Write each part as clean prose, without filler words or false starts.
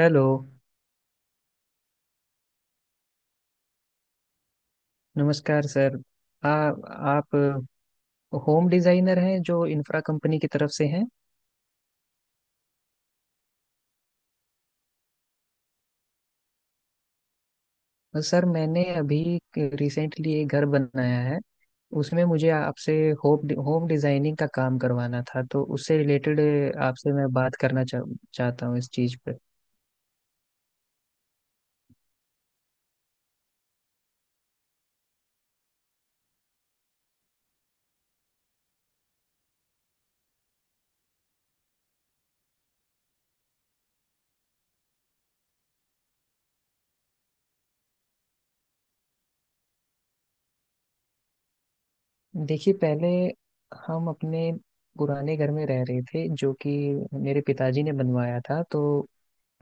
Hello. नमस्कार sir. आप home designer हैं जो इंफ्रा कंपनी की तरफ से हैं। सर मैंने अभी रिसेंटली एक घर बनाया है, उसमें मुझे आपसे होम होम डिजाइनिंग का काम करवाना था, तो उससे रिलेटेड आपसे मैं बात करना चाहता हूँ इस चीज़ पे। देखिए, पहले हम अपने पुराने घर में रह रहे थे जो कि मेरे पिताजी ने बनवाया था। तो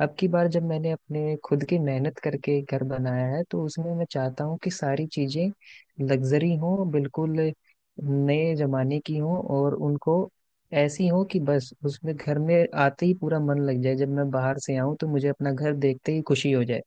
अब की बार जब मैंने अपने खुद की मेहनत करके घर बनाया है, तो उसमें मैं चाहता हूँ कि सारी चीजें लग्जरी हों, बिल्कुल नए जमाने की हों, और उनको ऐसी हों कि बस उसमें घर में आते ही पूरा मन लग जाए, जब मैं बाहर से आऊं तो मुझे अपना घर देखते ही खुशी हो जाए।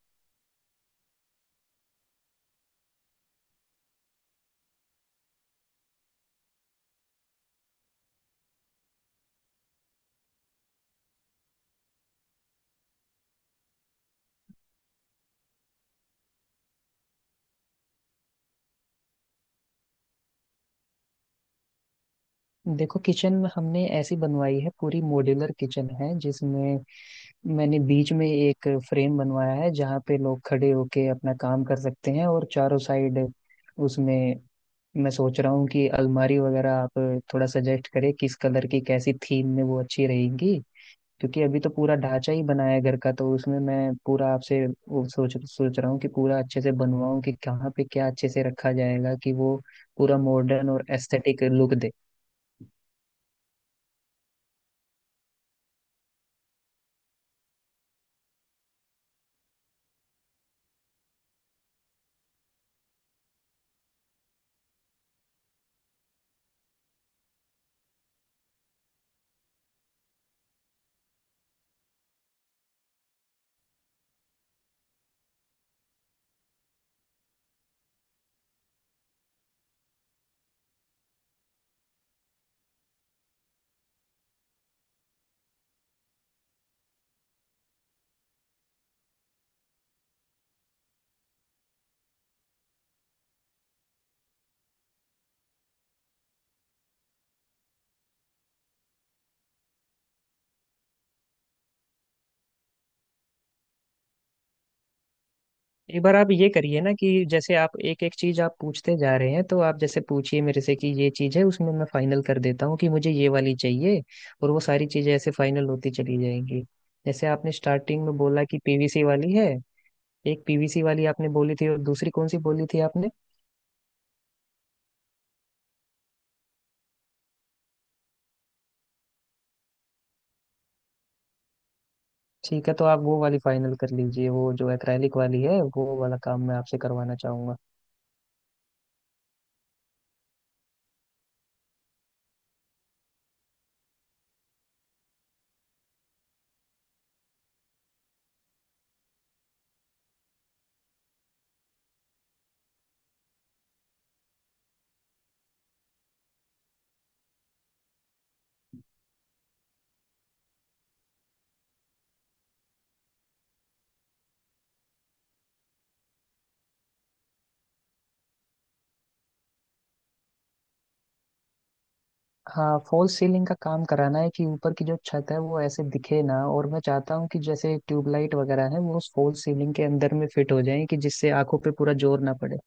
देखो, किचन हमने ऐसी बनवाई है, पूरी मॉड्यूलर किचन है जिसमें मैंने बीच में एक फ्रेम बनवाया है जहाँ पे लोग खड़े होके अपना काम कर सकते हैं, और चारों साइड उसमें मैं सोच रहा हूँ कि अलमारी वगैरह आप थोड़ा सजेस्ट करें किस कलर की कैसी थीम में वो अच्छी रहेंगी। क्योंकि अभी तो पूरा ढांचा ही बना है घर का, तो उसमें मैं पूरा आपसे वो सोच सोच रहा हूँ कि पूरा अच्छे से बनवाऊँ कि कहाँ पे क्या अच्छे से रखा जाएगा, कि वो पूरा मॉडर्न और एस्थेटिक लुक दे। एक बार आप ये करिए ना कि जैसे आप एक एक चीज आप पूछते जा रहे हैं, तो आप जैसे पूछिए मेरे से कि ये चीज है, उसमें मैं फाइनल कर देता हूँ कि मुझे ये वाली चाहिए, और वो सारी चीजें ऐसे फाइनल होती चली जाएंगी। जैसे आपने स्टार्टिंग में बोला कि पीवीसी वाली है, एक पीवीसी वाली आपने बोली थी, और दूसरी कौन सी बोली थी आपने? ठीक है, तो आप वो वाली फाइनल कर लीजिए, वो जो एक्रेलिक वाली है वो वाला काम मैं आपसे करवाना चाहूंगा। हाँ, फॉल्स सीलिंग का काम कराना है, कि ऊपर की जो छत है वो ऐसे दिखे ना, और मैं चाहता हूँ कि जैसे ट्यूबलाइट वगैरह है वो उस फॉल्स सीलिंग के अंदर में फिट हो जाए कि जिससे आंखों पे पूरा जोर ना पड़े।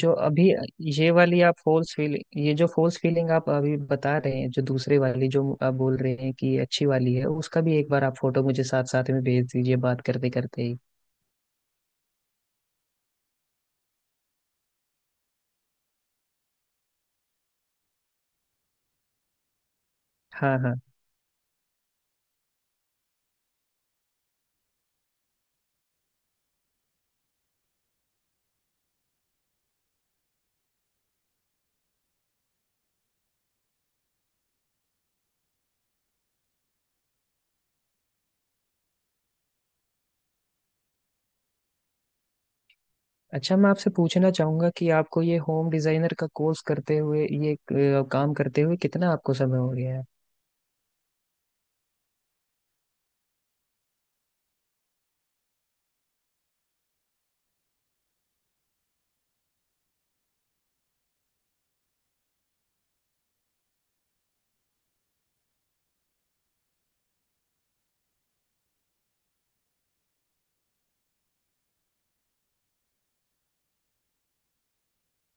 जो अभी ये वाली आप फॉल्स फीलिंग, ये जो फॉल्स फीलिंग आप अभी बता रहे हैं, जो दूसरे वाली जो आप बोल रहे हैं कि अच्छी वाली है, उसका भी एक बार आप फोटो मुझे साथ साथ में भेज दीजिए, बात करते करते ही। हाँ हाँ। अच्छा, मैं आपसे पूछना चाहूंगा कि आपको ये होम डिजाइनर का कोर्स करते हुए ये काम करते हुए कितना आपको समय हो गया है?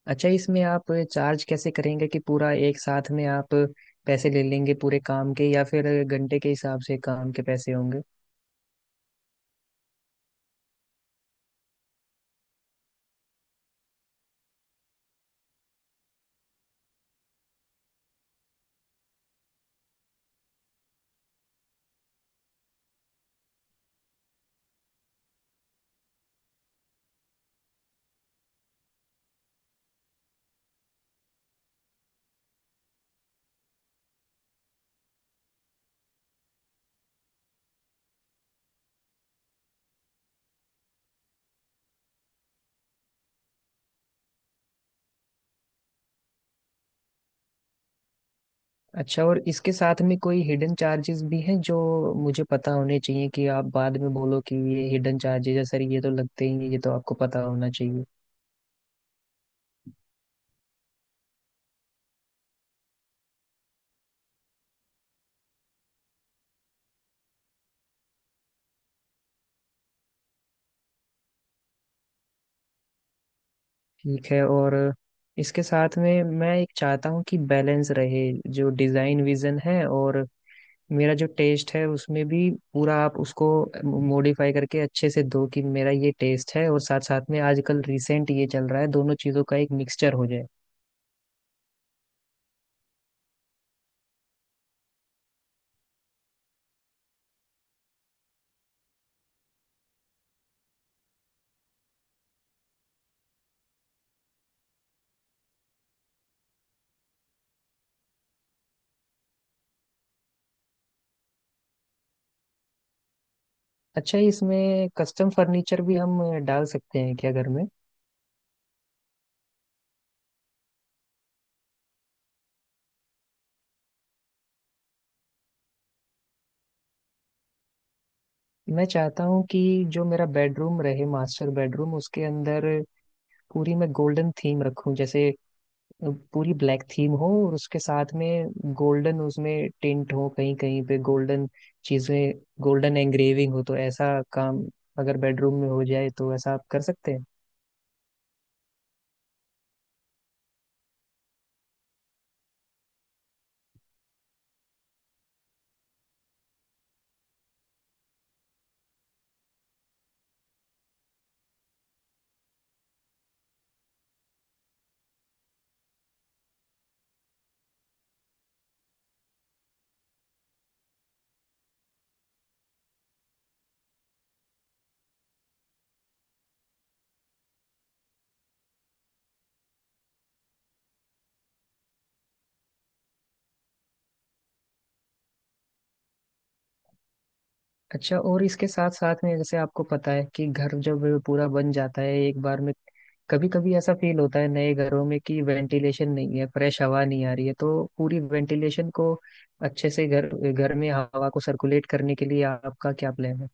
अच्छा, इसमें आप चार्ज कैसे करेंगे? कि पूरा एक साथ में आप पैसे ले लेंगे पूरे काम के, या फिर घंटे के हिसाब से काम के पैसे होंगे? अच्छा, और इसके साथ में कोई हिडन चार्जेस भी हैं जो मुझे पता होने चाहिए, कि आप बाद में बोलो कि ये हिडन चार्जेस है सर ये तो लगते ही हैं, ये तो आपको पता होना चाहिए। ठीक है। और इसके साथ में मैं एक चाहता हूँ कि बैलेंस रहे, जो डिज़ाइन विजन है और मेरा जो टेस्ट है उसमें भी पूरा आप उसको मॉडिफाई करके अच्छे से दो, कि मेरा ये टेस्ट है और साथ साथ में आजकल रिसेंट ये चल रहा है, दोनों चीज़ों का एक मिक्सचर हो जाए। अच्छा, इसमें कस्टम फर्नीचर भी हम डाल सकते हैं क्या घर में? मैं चाहता हूँ कि जो मेरा बेडरूम रहे मास्टर बेडरूम, उसके अंदर पूरी मैं गोल्डन थीम रखूं। जैसे पूरी ब्लैक थीम हो और उसके साथ में गोल्डन उसमें टिंट हो, कहीं कहीं पे गोल्डन चीजें, गोल्डन एंग्रेविंग हो, तो ऐसा काम अगर बेडरूम में हो जाए, तो ऐसा आप कर सकते हैं? अच्छा, और इसके साथ साथ में जैसे आपको पता है कि घर जब पूरा बन जाता है एक बार में, कभी कभी ऐसा फील होता है नए घरों में कि वेंटिलेशन नहीं है, फ्रेश हवा नहीं आ रही है, तो पूरी वेंटिलेशन को अच्छे से घर घर में हवा को सर्कुलेट करने के लिए आपका क्या प्लान है?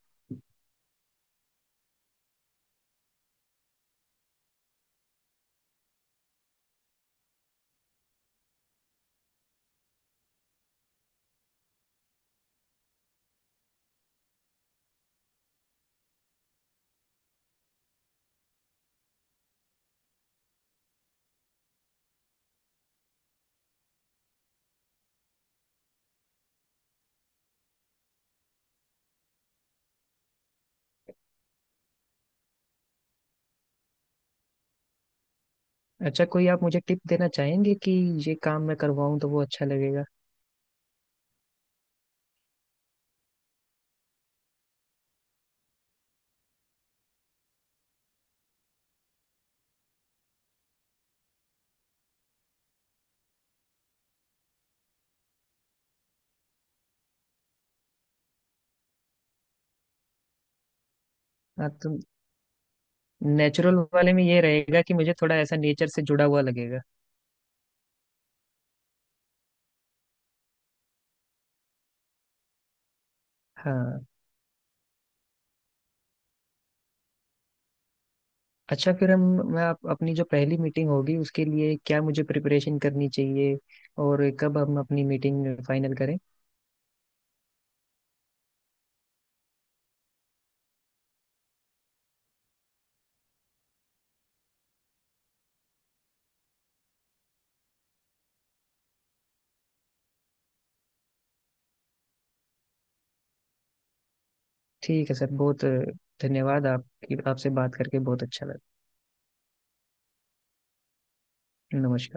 अच्छा, कोई आप मुझे टिप देना चाहेंगे कि ये काम मैं करवाऊं तो वो अच्छा लगेगा? हाँ तो नेचुरल वाले में ये रहेगा कि मुझे थोड़ा ऐसा नेचर से जुड़ा हुआ लगेगा। हाँ। अच्छा फिर हम, मैं अपनी जो पहली मीटिंग होगी उसके लिए क्या मुझे प्रिपरेशन करनी चाहिए, और कब हम अपनी मीटिंग फाइनल करें? ठीक है सर। बहुत धन्यवाद, आपकी आपसे बात करके बहुत अच्छा लगा। नमस्कार।